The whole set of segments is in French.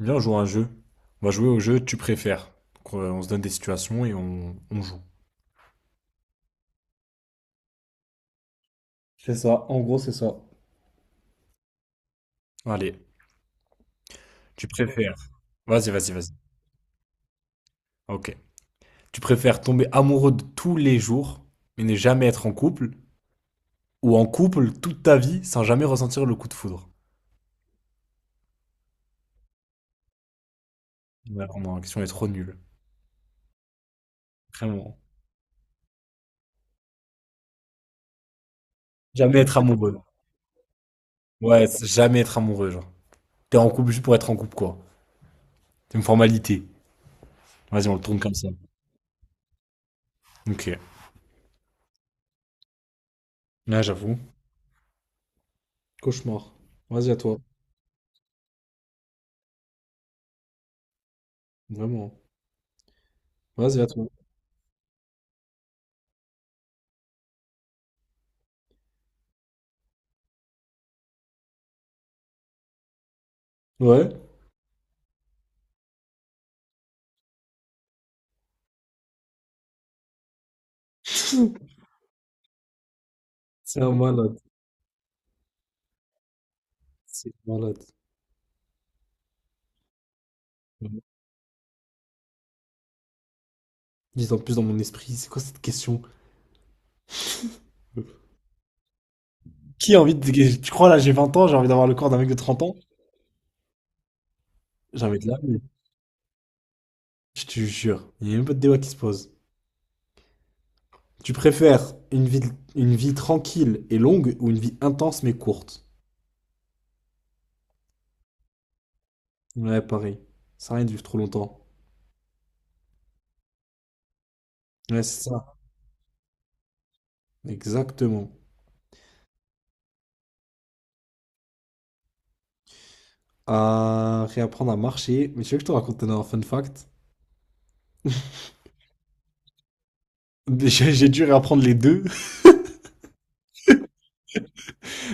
Viens, on joue à un jeu. On va jouer au jeu tu préfères. Donc, on se donne des situations et on joue. C'est ça, en gros, c'est ça. Allez, tu préfères. Vas-y, vas-y, vas-y. Ok. Tu préfères tomber amoureux de tous les jours, mais ne jamais être en couple, ou en couple toute ta vie sans jamais ressentir le coup de foudre. Ouais, vraiment, la question est trop nulle. Vraiment. Jamais être amoureux. Ouais, c'est jamais être amoureux, genre. T'es en couple juste pour être en couple, quoi. C'est une formalité. Vas-y, on le tourne comme ça. Ok. Là, j'avoue. Cauchemar. Vas-y à toi. Vraiment. Vas-y, à toi. Ouais. C'est un malade. C'est un malade. Dis en plus dans mon esprit, c'est quoi cette question? Qui a envie de... Tu crois là, j'ai 20 ans, j'ai envie d'avoir le corps d'un mec de 30 ans? Jamais de la vie. Je te jure. Il n'y a même pas de débat qui se pose. Tu préfères une vie tranquille et longue ou une vie intense mais courte? Ouais, pareil. Ça sert à rien de vivre trop longtemps. Ouais, c'est ça. Exactement. À réapprendre à marcher. Mais tu veux que je te raconte un fun fact? J'ai dû réapprendre les deux.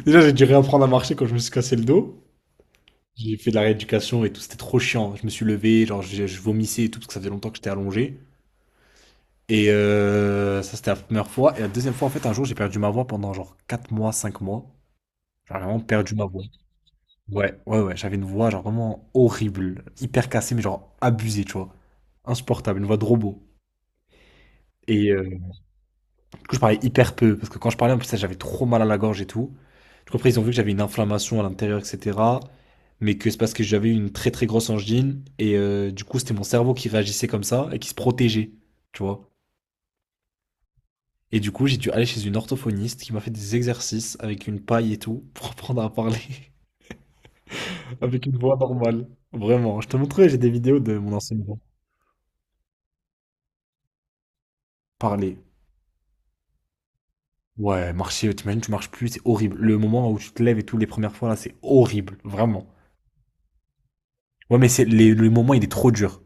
Déjà, j'ai dû réapprendre à marcher quand je me suis cassé le dos. J'ai fait de la rééducation et tout, c'était trop chiant. Je me suis levé, genre je vomissais et tout, parce que ça faisait longtemps que j'étais allongé. Et ça, c'était la première fois. Et la deuxième fois, en fait, un jour, j'ai perdu ma voix pendant genre 4 mois, 5 mois. J'ai vraiment perdu ma voix. Ouais, ouais, ouais. J'avais une voix genre vraiment horrible, hyper cassée, mais genre abusée, tu vois. Insupportable, une voix de robot. Et euh, Du coup, je parlais hyper peu, parce que quand je parlais, en plus, ça, j'avais trop mal à la gorge et tout. Du coup, après, ils ont vu que j'avais une inflammation à l'intérieur, etc. Mais que c'est parce que j'avais une très très grosse angine, et du coup, c'était mon cerveau qui réagissait comme ça, et qui se protégeait, tu vois. Et du coup, j'ai dû aller chez une orthophoniste qui m'a fait des exercices avec une paille et tout, pour apprendre à parler avec une voix normale. Vraiment, je te montrerai, j'ai des vidéos de mon enseignement. Parler. Ouais, marcher, t'imagines, tu marches plus, c'est horrible. Le moment où tu te lèves et tout, les premières fois, là, c'est horrible, vraiment. Ouais, mais c'est le moment, il est trop dur.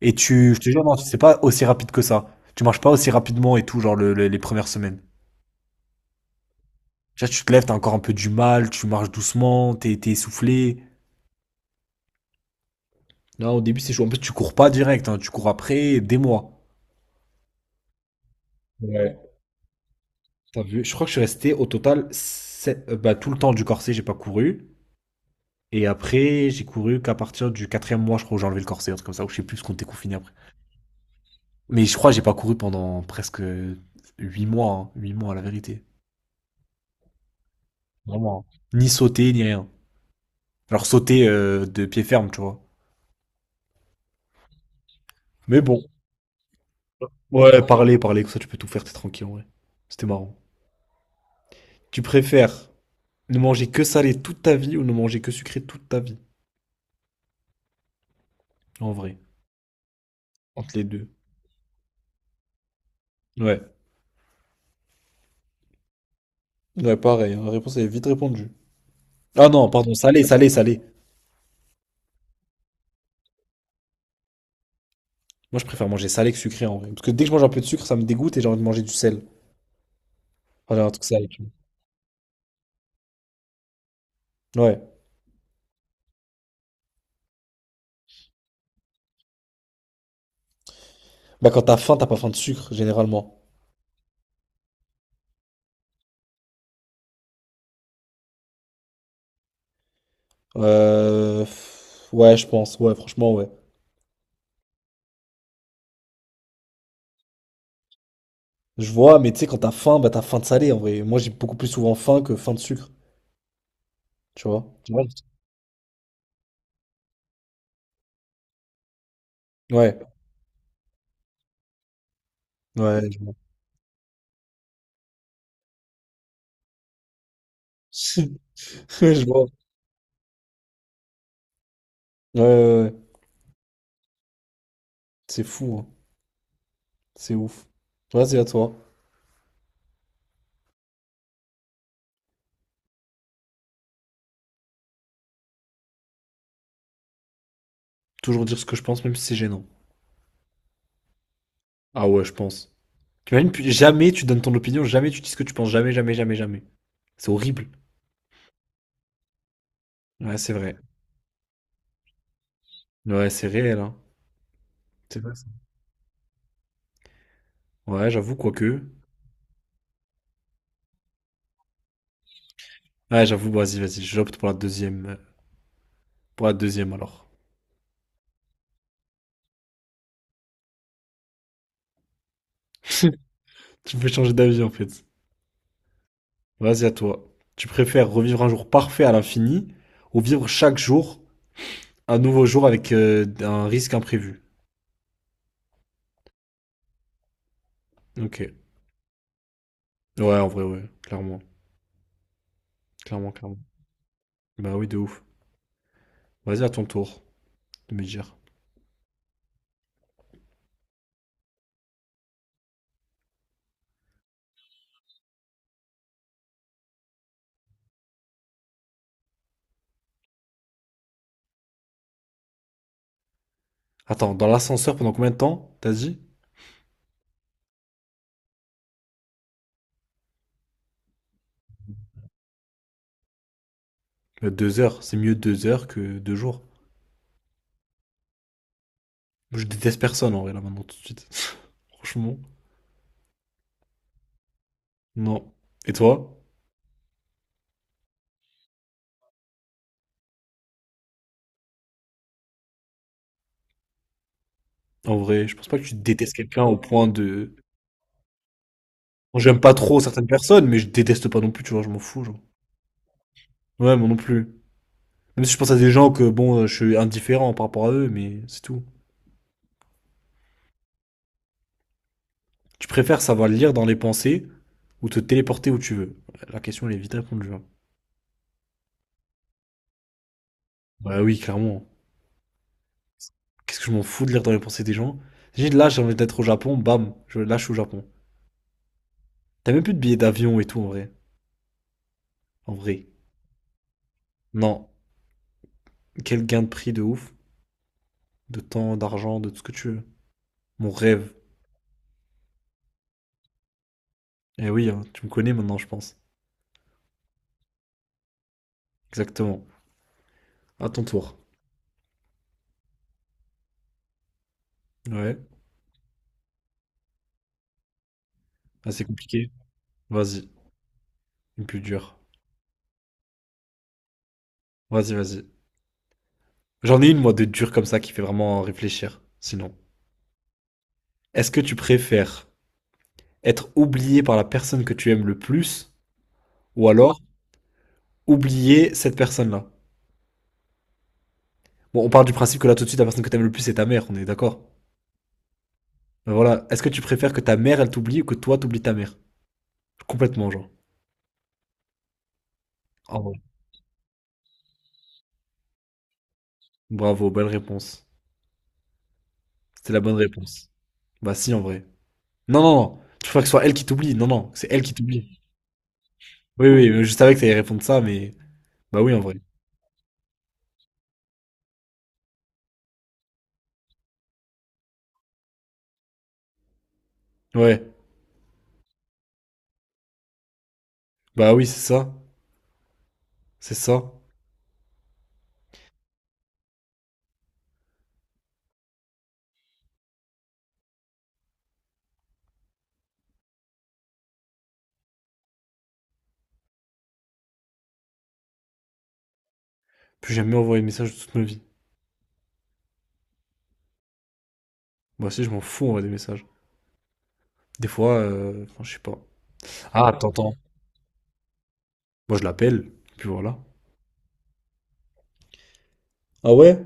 Et je te jure, non, c'est pas aussi rapide que ça. Tu marches pas aussi rapidement et tout, genre les premières semaines. Tu vois, tu te lèves, t'as encore un peu du mal, tu marches doucement, t'es essoufflé. Non, au début, c'est chaud. En plus, tu cours pas direct, hein, tu cours après des mois. Ouais, t'as vu? Je crois que je suis resté au total bah, tout le temps du corset, j'ai pas couru. Et après, j'ai couru qu'à partir du 4e mois, je crois, où j'ai enlevé le corset, un truc comme ça, ou je sais plus ce qu'on était confiné après. Mais je crois que j'ai pas couru pendant presque 8 mois, hein, 8 mois à la vérité. Vraiment. Ni sauter, ni rien. Alors sauter de pied ferme, tu vois. Mais bon. Ouais, Ouais. Parler, parler, comme ça tu peux tout faire, t'es tranquille en vrai. C'était marrant. Tu préfères ne manger que salé toute ta vie ou ne manger que sucré toute ta vie? En vrai. Entre les deux. Ouais. Ouais, pareil, hein, la réponse est vite répondue. Ah non, pardon, salé, salé, salé. Moi je préfère manger salé que sucré en vrai. Parce que dès que je mange un peu de sucre, ça me dégoûte et j'ai envie de manger du sel. Enfin, j'ai un truc salé, tu vois. Ouais. Bah quand t'as faim, t'as pas faim de sucre, généralement. Pff, ouais, je pense. Ouais, franchement, ouais. Je vois, mais tu sais, quand t'as faim, bah t'as faim de salé en vrai. Moi, j'ai beaucoup plus souvent faim que faim de sucre, tu vois. Tu vois? Ouais, ouais, je vois. Ouais, je vois. Ouais, ouais, ouais. C'est fou, hein. C'est ouf. Vas-y, à toi. Toujours dire ce que je pense, même si c'est gênant. Ah ouais, je pense. T'imagines, puis jamais tu donnes ton opinion, jamais tu dis ce que tu penses, jamais, jamais, jamais, jamais. C'est horrible. Ouais, c'est vrai. Ouais, c'est réel, hein. C'est vrai, ça. Ouais, j'avoue, quoique. Ouais, j'avoue, vas-y, vas-y, j'opte pour la deuxième. Pour la deuxième, alors. Tu peux changer d'avis, en fait. Vas-y à toi. Tu préfères revivre un jour parfait à l'infini ou vivre chaque jour un nouveau jour avec un risque imprévu? Ok. Ouais, en vrai, ouais. Clairement. Clairement, clairement. Bah oui, de ouf. Vas-y à ton tour de me dire. Attends, dans l'ascenseur pendant combien de temps, t'as dit? 2 heures. C'est mieux 2 heures que 2 jours. Je déteste personne en vrai là maintenant tout de suite. Franchement. Non. Et toi? En vrai, je pense pas que tu détestes quelqu'un au point de. Bon, j'aime pas trop certaines personnes, mais je déteste pas non plus, tu vois, je m'en fous, genre. Ouais, moi non plus. Même si je pense à des gens que, bon, je suis indifférent par rapport à eux, mais c'est tout. Tu préfères savoir lire dans les pensées ou te téléporter où tu veux? La question, elle est vite à répondre, genre. Bah oui, clairement. Qu'est-ce que je m'en fous de lire dans les pensées des gens? J'ai dit, là, j'ai envie d'être au Japon, bam, je lâche au Japon. T'as même plus de billets d'avion et tout, en vrai. En vrai. Non. Quel gain de prix de ouf. De temps, d'argent, de tout ce que tu veux. Mon rêve. Eh oui, hein, tu me connais maintenant, je pense. Exactement. À ton tour. Ouais. Ah, c'est compliqué. Vas-y. Une plus dure. Vas-y, vas-y. J'en ai une, moi, de dure comme ça qui fait vraiment réfléchir. Sinon, est-ce que tu préfères être oublié par la personne que tu aimes le plus ou alors oublier cette personne-là? Bon, on part du principe que là, tout de suite, la personne que tu aimes le plus, c'est ta mère, on est d'accord? Mais voilà. Est-ce que tu préfères que ta mère, elle t'oublie ou que toi, t'oublies ta mère? Complètement, genre. Ah ouais. Bravo, belle réponse. C'était la bonne réponse. Bah, si, en vrai. Non, non, non. Tu préfères que ce soit elle qui t'oublie? Non, non, c'est elle qui t'oublie. Oui, oui, je savais que t'allais répondre ça, mais. Bah oui, en vrai. Ouais. Bah oui, c'est ça. C'est ça. Puis plus jamais envoyé de message de toute ma vie. Moi aussi, je m'en fous, on voit des messages. Des fois, enfin, je sais pas. Ah, t'entends. Moi, je l'appelle, puis voilà. Ah ouais?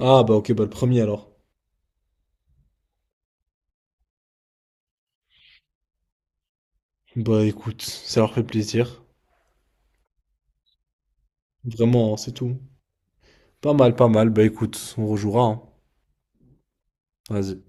Ah bah ok, bah le premier alors. Bah écoute, ça leur fait plaisir. Vraiment, hein, c'est tout. Pas mal, pas mal. Bah écoute, on rejouera, hein. Vas-y.